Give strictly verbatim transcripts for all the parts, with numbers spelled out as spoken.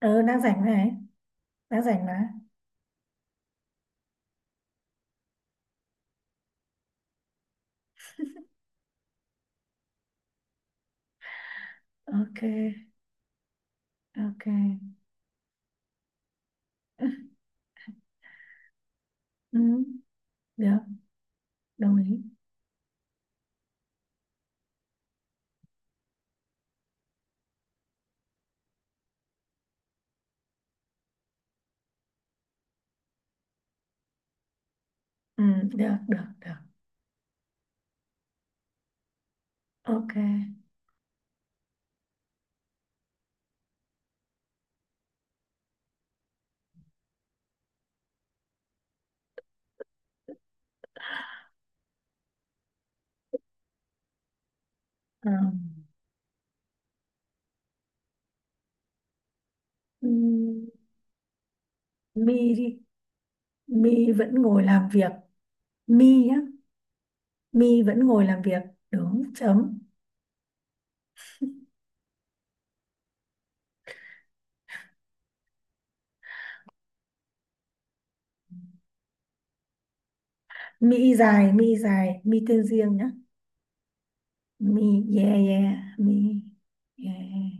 Ừ, đang rảnh này. Đang rảnh mà. Ok. Ok. Ừ, ừ, được. Đồng ý. Ừ, được, được, được. Ok. Ờ, ừ, mi đi. Mi vẫn ngồi làm việc. Mi nhá. Mi vẫn ngồi làm việc, đúng. Chấm. Mi dài, mi dài, mi tên riêng nhá. Mi. Yeah, yeah. Mi. Yeah.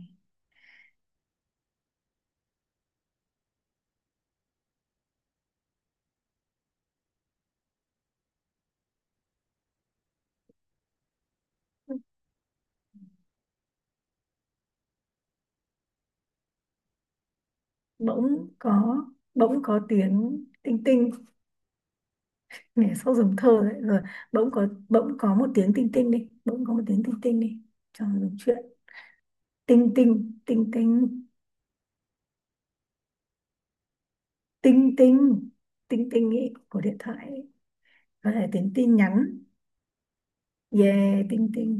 Bỗng có bỗng có tiếng tinh tinh. Mẹ sốt, giống thơ đấy rồi. Bỗng có bỗng có một tiếng tinh tinh đi, bỗng có một tiếng tinh tinh đi. Cho dùng chuyện. Tinh tinh, tinh tinh, tinh tinh, tinh tinh ý, của điện thoại ý. Có thể tiếng tin nhắn. Yeah, tinh tinh.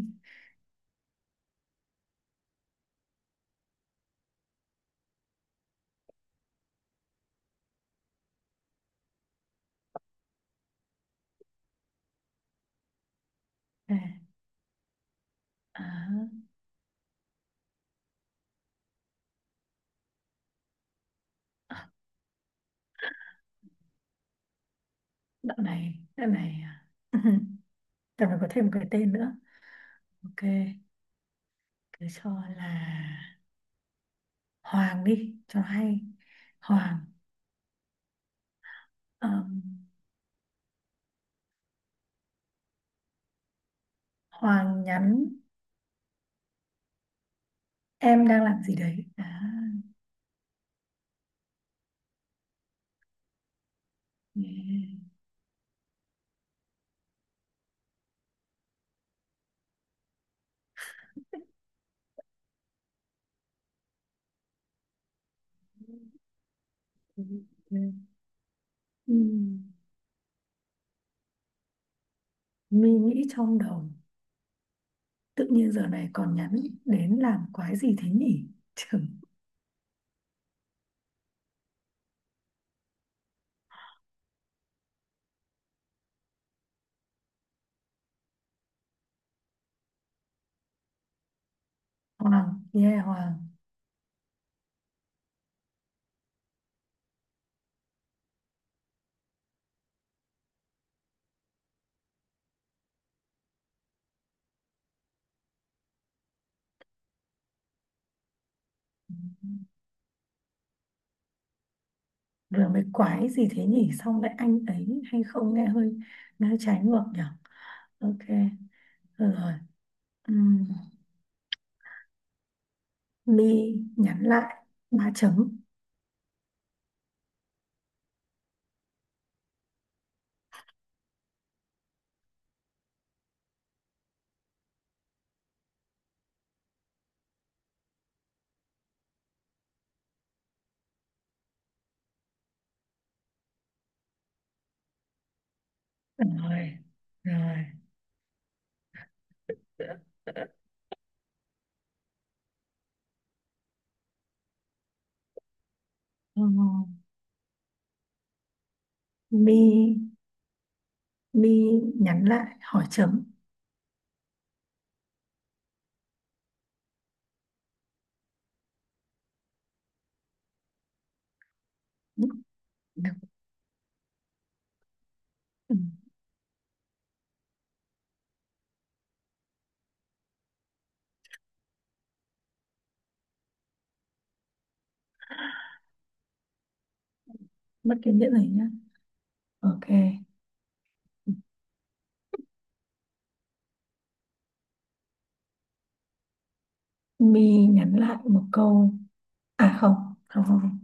à, à, đoạn này đoạn này à. Đoạn này có thêm một cái tên nữa. Ok, cứ cho là Hoàng đi cho hay. Hoàng. Ờm, Hoàng nhắn: em đang làm gì đấy à. Yeah. Ừm, Mi nghĩ trong đầu: tự nhiên giờ này còn nhắn đến làm quái gì thế nhỉ? Trưởng. Hoàng, yeah, Hoàng. Ừ. Vừa mới quái gì thế nhỉ, xong lại anh ấy, hay không, nghe hơi nghe hơi trái ngược nhỉ. Ok, được rồi. Ừm, Mi nhắn lại ba chấm. Rồi, rồi. Ừ, Mi Mi nhắn lại, hỏi chấm. Được. Ừ, mất kiên nhẫn rồi nhá. Ok, Mi nhắn lại một câu. À không, không không không.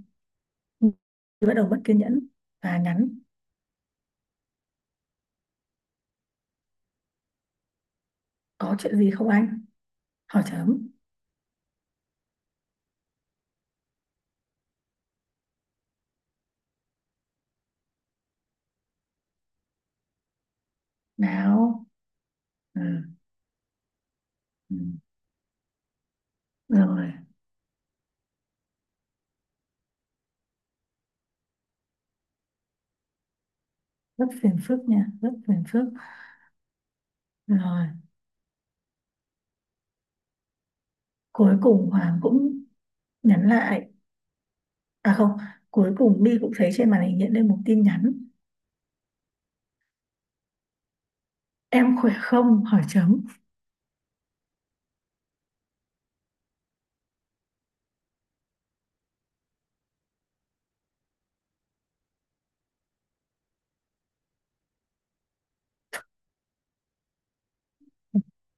My bắt đầu mất kiên nhẫn và nhắn: có chuyện gì không anh, hỏi chấm. Nào. Ừ. Ừ. Rồi, rất phiền phức nha, rất phiền phức. Rồi. Cuối cùng Hoàng cũng nhắn lại. À không, cuối cùng Mi cũng thấy trên màn hình hiện lên một tin nhắn: em khỏe không, hỏi chấm.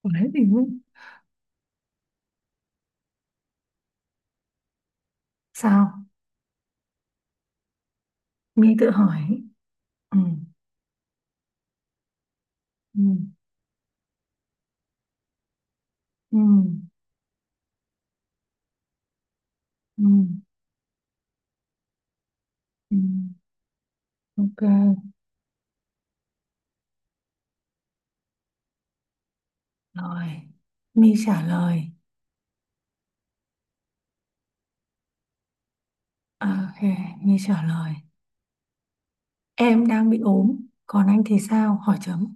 Đấy thì mới- sao. Mi tự hỏi. Ừ. Ừ. Ừ. Ừ. Ừ. Ok. Rồi, My trả lời. À, ok, My trả lời. Em đang bị ốm, còn anh thì sao? Hỏi chấm.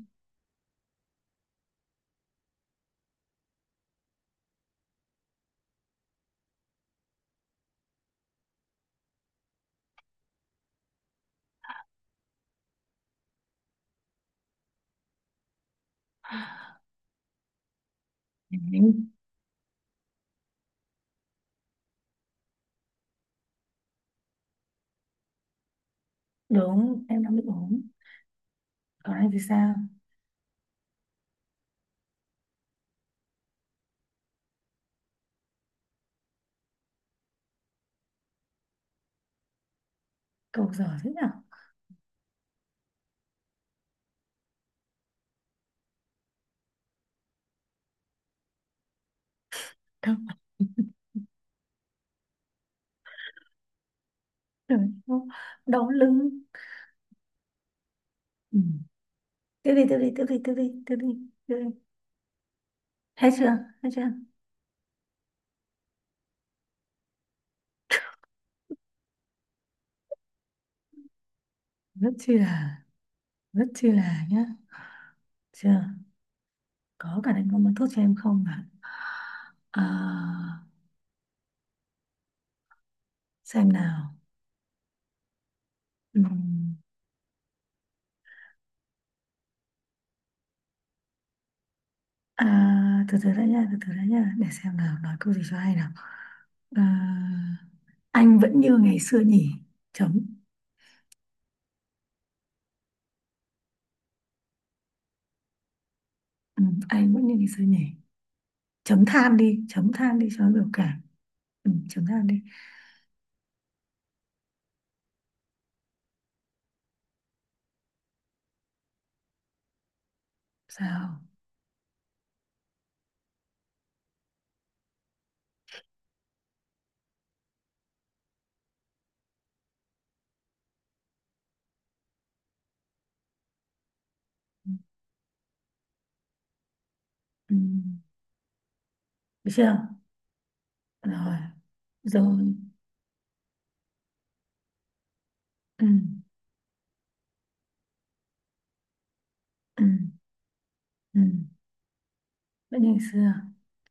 Đấy. Đúng, em đang bị ốm. Còn anh thì sao? Cậu giỏi thế nhở? Đâu, đau đau lưng. Ừ. Tiếp đi, tiếp đi, tiếp đi, tiếp đi, tiếp đi, tiếp đi. Hết chưa? Hết chưa? Rất chi là, rất chi là nhá. Chưa? Có cả anh có muốn thuốc cho em không ạ? À, xem nào. Ừ. À, từ từ đã nha, từ từ đã nha, để xem nào, nói câu gì cho hay nào. À, anh vẫn như ngày xưa nhỉ, chấm. Ừ, anh vẫn như ngày xưa nhỉ. Chấm than đi, chấm than đi cho nó biểu cảm. Ừ, chấm than đi. Sao? Ừ, được chưa? Rồi, rồi. Ừ, ừ, ừ. Vẫn như ngày xưa.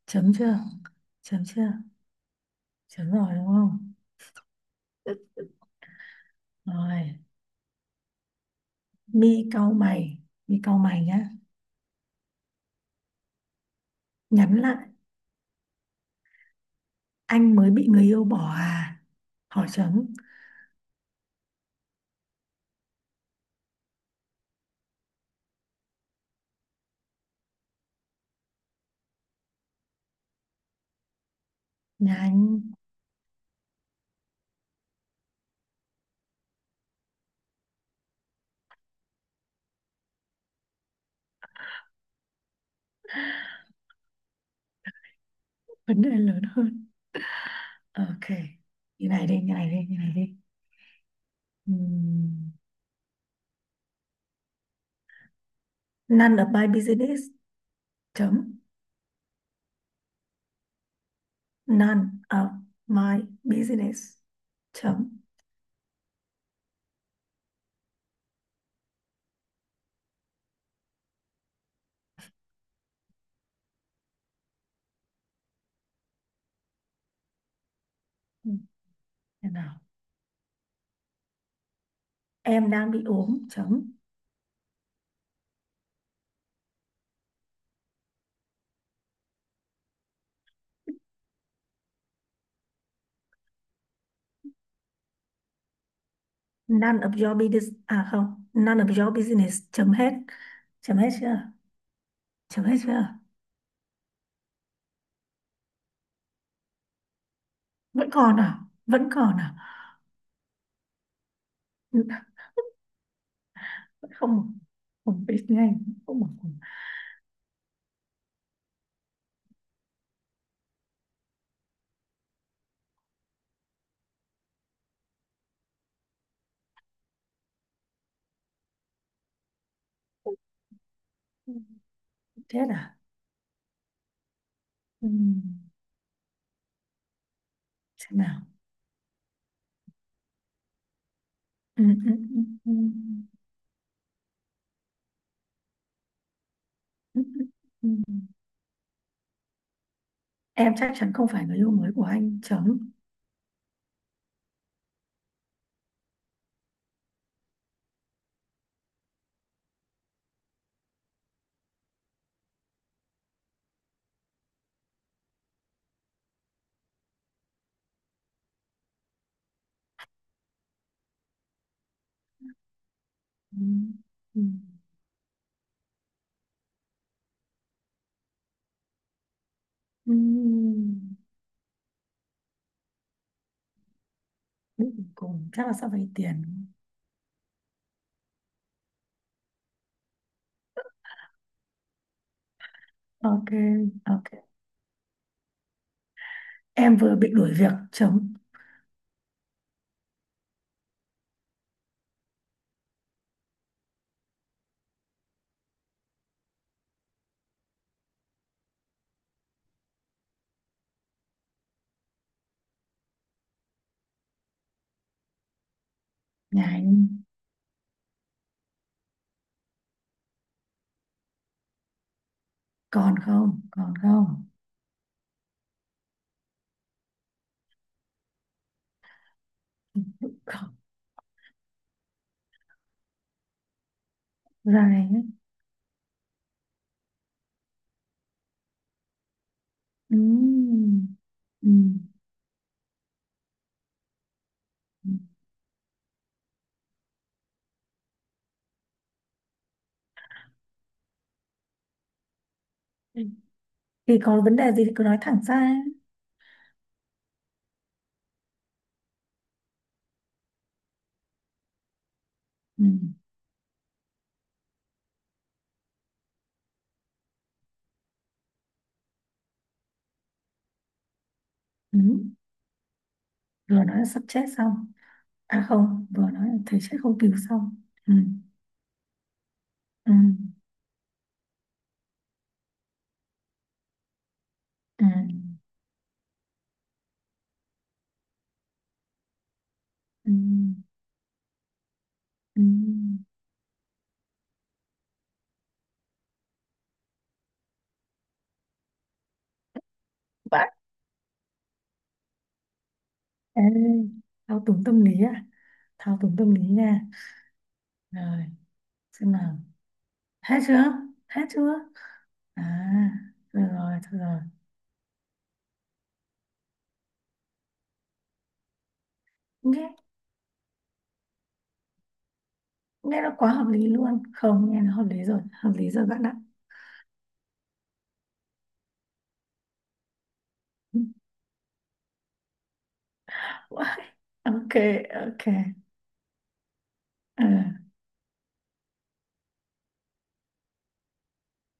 Chấm chưa? Chấm chưa? Chấm rồi đúng không? Rồi, mi cau mày, mi cau mày nhá. Nhắn lại: anh mới bị người yêu bỏ à, hỏi chấm. Nhà anh. Vấn đề lớn hơn. Ok, như này đi, như này đi, như này đi. Ừm, none of my business, chấm. None of my business, chấm. Ừm, thế nào, em đang bị ốm, chấm. None of your business, à không, none of your business, chấm hết. Chấm hết chưa? Chấm hết chưa? Vẫn còn à? Vẫn còn à? Vẫn. Không, không biết ngay. Không mà. Thế à? Ừ. Xem nào. Ừ, ừ, ừ, ừ, ừ, ừ, ừ. Em chắc chắn không phải người yêu mới của anh, chấm. Ừ. Ừ. Ừ. Biết gì cùng chắc là sẽ vay tiền. Ok, ok. Em vừa bị đuổi việc, chấm. Nhà anh còn không? Còn không? Không. Dài ấy. Ừ. Ừ. Ừ. Thì có vấn đề gì thì cứ nói thẳng ra. Ừ. Ừ. Vừa nói là sắp chết xong, à không, vừa nói là thấy chết không cứu xong. Ừ, ừ, ừ, ừ, ừ. Vãi. Ê, thao túng tâm lý à, thao túng tâm lý nha. Rồi, xem nào. Hết chưa? Hết chưa? À, rồi, rồi, thôi rồi. Nghe nghe nó quá hợp lý luôn. Không, nghe nó hợp lý rồi, hợp lý rồi bạn ạ. Wow. Ok. Ok. Ờ.